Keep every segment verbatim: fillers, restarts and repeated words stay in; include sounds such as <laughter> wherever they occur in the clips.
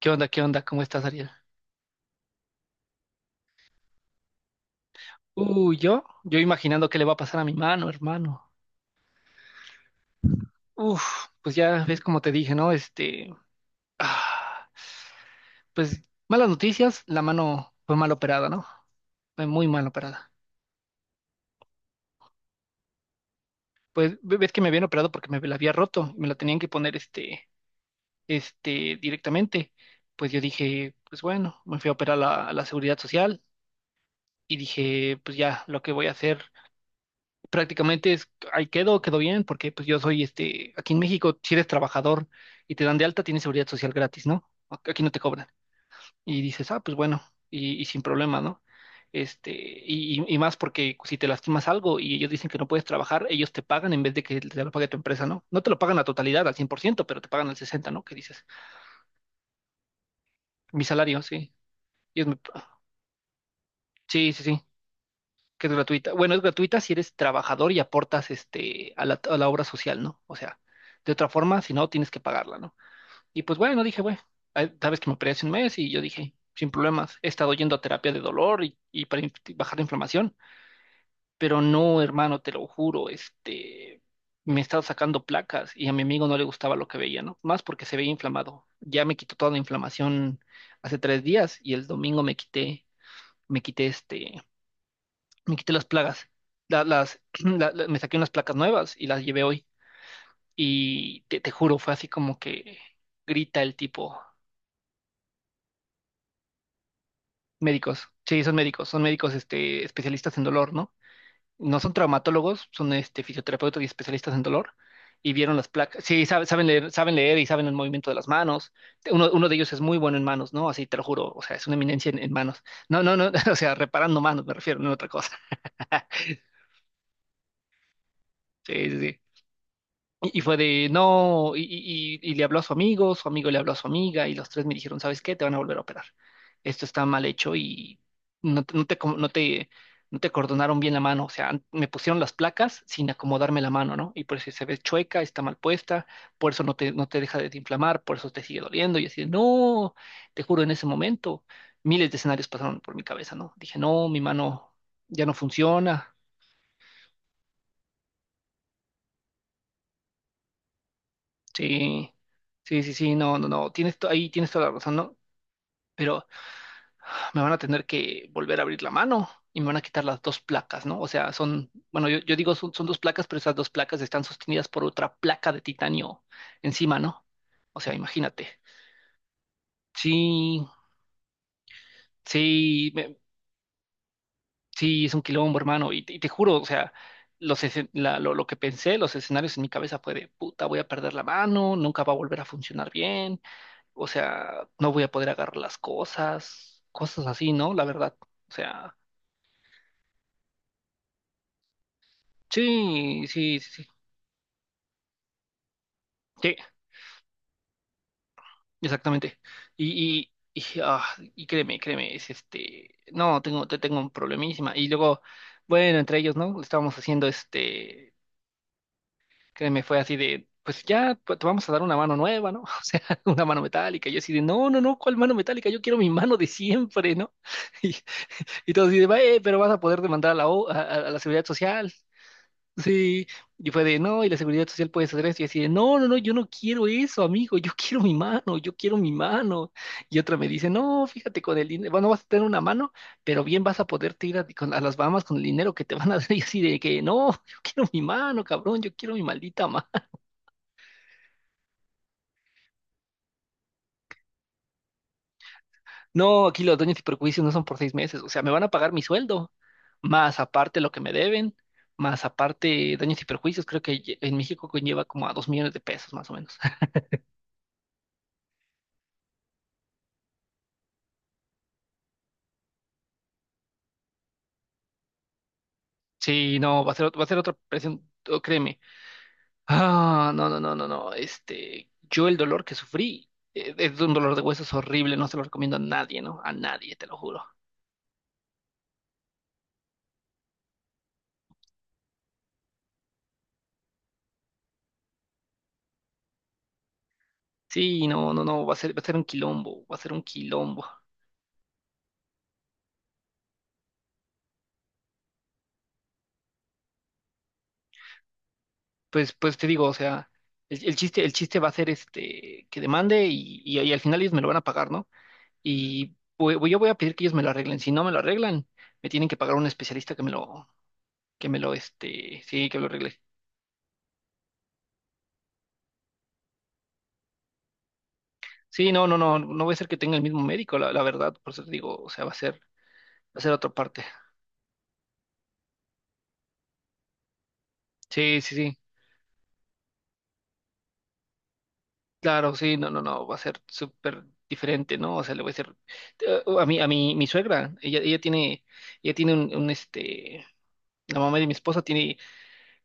¿Qué onda? ¿Qué onda? ¿Cómo estás, Ariel? Uh, yo, yo imaginando qué le va a pasar a mi mano, hermano. Uf, pues ya ves como te dije, ¿no? Este, ah, pues malas noticias, la mano fue mal operada, ¿no? Fue muy mal operada. Pues ve- ves que me habían operado porque me la había roto y me la tenían que poner este, este, directamente. Pues yo dije, pues bueno, me fui a operar a la, a la Seguridad Social y dije, pues ya, lo que voy a hacer prácticamente es, ahí quedo, quedo bien, porque pues yo soy este, aquí en México, si eres trabajador y te dan de alta, tienes seguridad social gratis, ¿no? Ac- Aquí no te cobran. Y dices, ah, pues bueno, y, y sin problema, ¿no? Este, y, y- y más porque si te lastimas algo y ellos dicen que no puedes trabajar, ellos te pagan en vez de que te lo pague tu empresa, ¿no? No te lo pagan a totalidad, al cien por ciento pero te pagan al sesenta, ¿no? ¿Qué dices? Mi salario, sí. Ellos me- Sí, sí, sí. Que es gratuita. Bueno, es gratuita si eres trabajador y aportas este, a la, a la obra social, ¿no? O sea, de otra forma, si no, tienes que pagarla, ¿no? Y pues bueno, dije, bueno, ah, sabes que me operé hace un mes y yo dije, sin problemas, he estado yendo a terapia de dolor y, y para inf- bajar la inflamación, pero no, hermano, te lo juro, este, me he estado sacando placas y a mi amigo no le gustaba lo que veía, ¿no? Más porque se veía inflamado. Ya me quitó toda la inflamación hace tres días y el domingo me quité, me quité este me quité las plagas, la- las, <clears throat> la- la- me saqué unas placas nuevas y las llevé hoy. Y te, te juro, fue así como que grita el tipo, médicos, sí, son médicos, son médicos, este, especialistas en dolor, ¿no? No son traumatólogos, son este, fisioterapeutas y especialistas en dolor. Y vieron las placas, sí, sabe- saben, leer, saben leer y saben el movimiento de las manos. Uno, uno de ellos es muy bueno en manos, ¿no? Así te lo juro, o sea, es una eminencia en, en manos. No, no, no, <laughs> o sea, reparando manos me refiero, no en otra cosa. Sí, sí, sí. Y, y fue de, no, y, y- y- y le habló a su amigo, su amigo le habló a su amiga, y los tres me dijeron, ¿sabes qué? Te van a volver a operar. Esto está mal hecho y no, te, no te, com- no te, no te cordonaron bien la mano. O sea, an- me pusieron las placas sin acomodarme la mano, ¿no? Y por eso se ve chueca, está mal puesta, por eso no te, no te deja de inflamar, por eso te sigue doliendo. Y así, de, no, te juro, en ese momento, miles de escenarios pasaron por mi cabeza, ¿no? Dije, no, mi mano ya no funciona. Sí, sí, sí, sí, no, no, no, tienes to- ahí tienes toda la razón, ¿no? Pero me van a tener que volver a abrir la mano y me van a quitar las dos placas, ¿no? O sea, son, bueno, yo, yo digo son, son dos placas, pero esas dos placas están sostenidas por otra placa de titanio encima, ¿no? O sea, imagínate. Sí, sí, me- sí, es un quilombo, hermano, y, te y te juro, o sea, los escen- la- lo, lo que pensé, los escenarios en mi cabeza fue de, puta, voy a perder la mano, nunca va a volver a funcionar bien, o sea, no voy a poder agarrar las cosas, cosas así, ¿no? La verdad, o sea. Sí, sí, sí, sí, exactamente. Y, y, y, ah, y créeme, créeme, es este, no, tengo, te tengo un problemísima. Y luego, bueno, entre ellos, ¿no? Estábamos haciendo este, créeme, fue así de, pues ya pues, te vamos a dar una mano nueva, ¿no? <laughs> O sea, una mano metálica. Yo así de, no, no, no, ¿cuál mano metálica? Yo quiero mi mano de siempre, ¿no? <laughs> Y, y todos dicen, "Va, "Eh, pero vas a poder demandar a la, O- a, a- a la Seguridad Social". Sí, y fue de, no, y la seguridad social puede hacer esto, y así de, no, no, no, yo no quiero eso, amigo, yo quiero mi mano, yo quiero mi mano. Y otra me dice, no, fíjate con el dinero, bueno, vas a tener una mano, pero bien vas a poderte ir a, con- a las Bahamas con el dinero que te van a dar, <laughs> y así de que, no, yo quiero mi mano, cabrón, yo quiero mi maldita mano. No, aquí los daños y perjuicios no son por seis meses, o sea, me van a pagar mi sueldo, más aparte lo que me deben, más aparte daños y perjuicios, creo que en México conlleva como a dos millones de pesos, más o menos. Sí, no, va a ser, ot- va a ser otra presión, oh, créeme. Ah, no, no, no, no, no. Este, yo el dolor que sufrí eh, es un dolor de huesos horrible, no se lo recomiendo a nadie, ¿no? A nadie, te lo juro. Sí, no, no, no, va a ser, va a ser un quilombo, va a ser un quilombo. Pues, pues te digo, o sea, el, el chiste, el chiste va a ser este, que demande y, y, y al final ellos me lo van a pagar, ¿no? Y voy- voy- yo voy a pedir que ellos me lo arreglen. Si no me lo arreglen, me tienen que pagar un especialista que me lo, que me lo, este, sí, que me lo arregle. Sí, no, no, no, no voy a ser que tenga el mismo médico, la, la verdad, por eso te digo, o sea, va a ser, va a ser otra parte. Sí, sí, sí, claro, sí, no, no, no, va a ser súper diferente, ¿no? O sea, le voy a decir, eh, a mí, a mi, mi suegra, ella, ella tiene, ella tiene un, un, este, la mamá de mi esposa tiene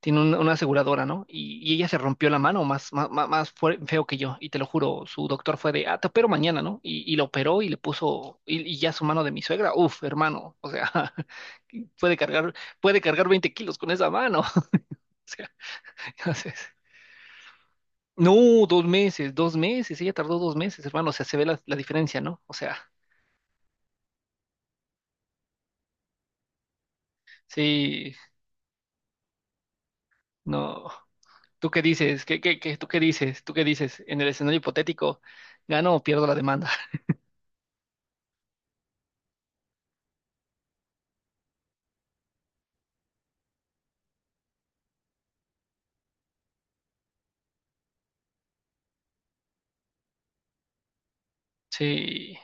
tiene un- una aseguradora, ¿no? Y, y ella se rompió la mano más, más, más más fue- feo que yo, y te lo juro, su doctor fue de, ah, te opero mañana, ¿no? Y, y la operó y le puso, y, y ya su mano de mi suegra, uf, hermano, o sea, <laughs> puede cargar, puede cargar 20 kilos con esa mano, <laughs> o sea, entonces, no, dos meses, dos meses, ella tardó dos meses, hermano, o sea, se ve la, la diferencia, ¿no? O sea, sí, no. ¿Tú qué dices? ¿Qué, qué, qué, tú qué dices? ¿Tú qué dices? En el escenario hipotético, ¿gano o pierdo la demanda? <laughs> Sí.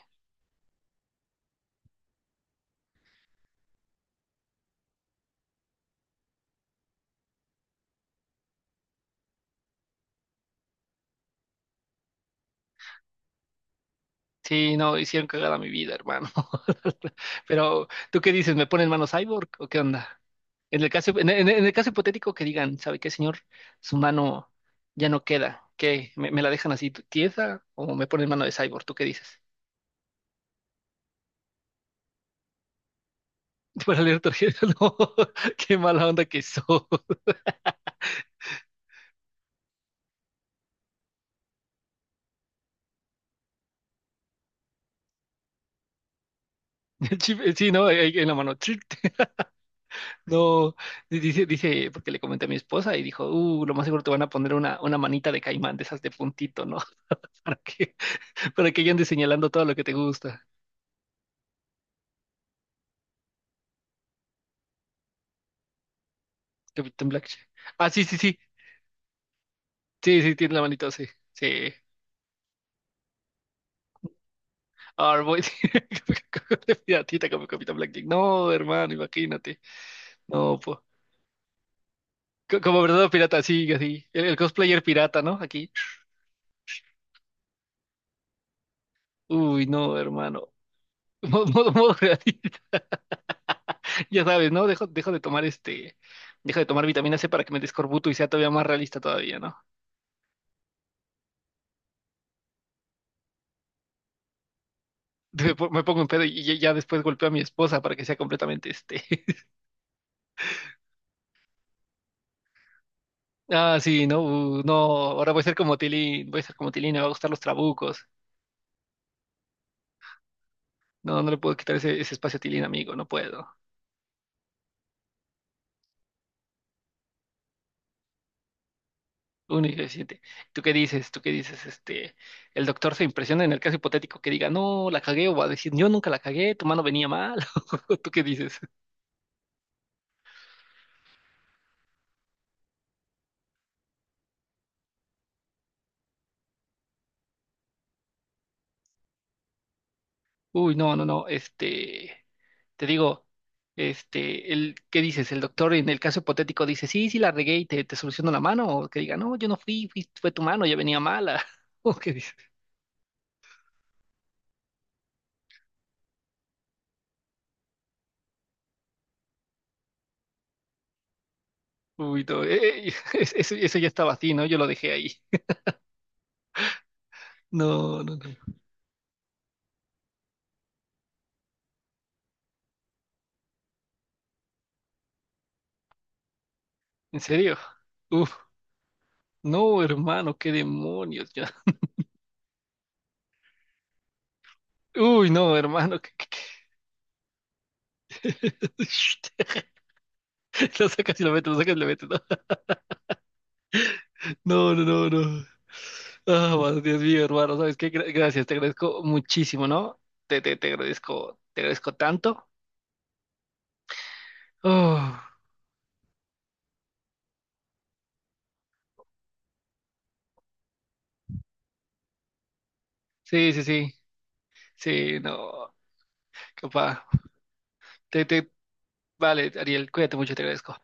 Sí, no, hicieron cagada mi vida, hermano. <laughs> Pero, ¿tú qué dices? ¿Me ponen mano cyborg o qué onda? En el caso, en, en- en el caso hipotético que digan, ¿sabe qué, señor? Su mano ya no queda. ¿Qué? ¿Me, me la dejan así tiesa o me ponen mano de cyborg? ¿Tú qué dices? <laughs> Para leer tarjetas, <laughs> no. ¡Qué mala onda que soy! <laughs> El chip, eh, sí, ¿no? Ahí ahí en la mano. <laughs> No, dice, dice, porque le comenté a mi esposa y dijo, uh, lo más seguro te van a poner una, una manita de caimán, de esas de puntito, ¿no? <laughs> Para que, para que ya andes señalando todo lo que te gusta. Capitán Black. Ah, sí, sí, sí. Sí, sí, tiene la manito, sí. Sí. Ahora voy <laughs> de piratita como Capitán Blackjack. No, hermano, imagínate. No, pues. Como verdadero pirata, sí, así. El, el cosplayer pirata, ¿no? Aquí. Uy, no, hermano. <laughs> Modo, modo, modo gratis. <laughs> Ya sabes, ¿no? Dejo, dejo de tomar este. Dejo de tomar vitamina ce para que me descorbuto y sea todavía más realista todavía, ¿no? <laughs> Me, po- me pongo en pedo y ya, ya después golpeo a mi esposa para que sea completamente este. Ah, sí, no, uh, no, ahora voy a ser como Tilín, voy a ser como Tilín, me va a gustar los trabucos. No, no le puedo quitar ese, ese espacio a Tilín, amigo, no puedo. Único y suficiente. ¿Tú qué dices? ¿Tú qué dices? Este, el doctor se impresiona en el caso hipotético que diga, no, la cagué, o va a decir, yo nunca la cagué, tu mano venía mal. <laughs> ¿Tú qué dices? Uy, no, no, no, este, te digo. Este, el, ¿qué dices? El doctor en el caso hipotético dice, sí, sí la regué y te, te soluciono la mano, o que diga, no, yo no fui, fui- fue tu mano, ya venía mala. <laughs> ¿O qué dices? Uy, no, eh, <laughs> es- eso, eso ya estaba así, ¿no? Yo lo dejé ahí. No, no, no. ¿En serio? Uf, no, hermano, qué demonios. Ya. Uy, no, hermano. qué- qué- qué- <laughs> Lo sacas y lo metes, lo sacas y lo metes. No, no, no, no. No. Ah, bueno, Dios mío, hermano, ¿sabes qué? Gra- Gracias, te agradezco muchísimo, ¿no? Te, te, te agradezco, te agradezco tanto. Oh, sí, sí, sí, sí, no, capaz. Te, te, vale, Ariel, cuídate mucho, te agradezco.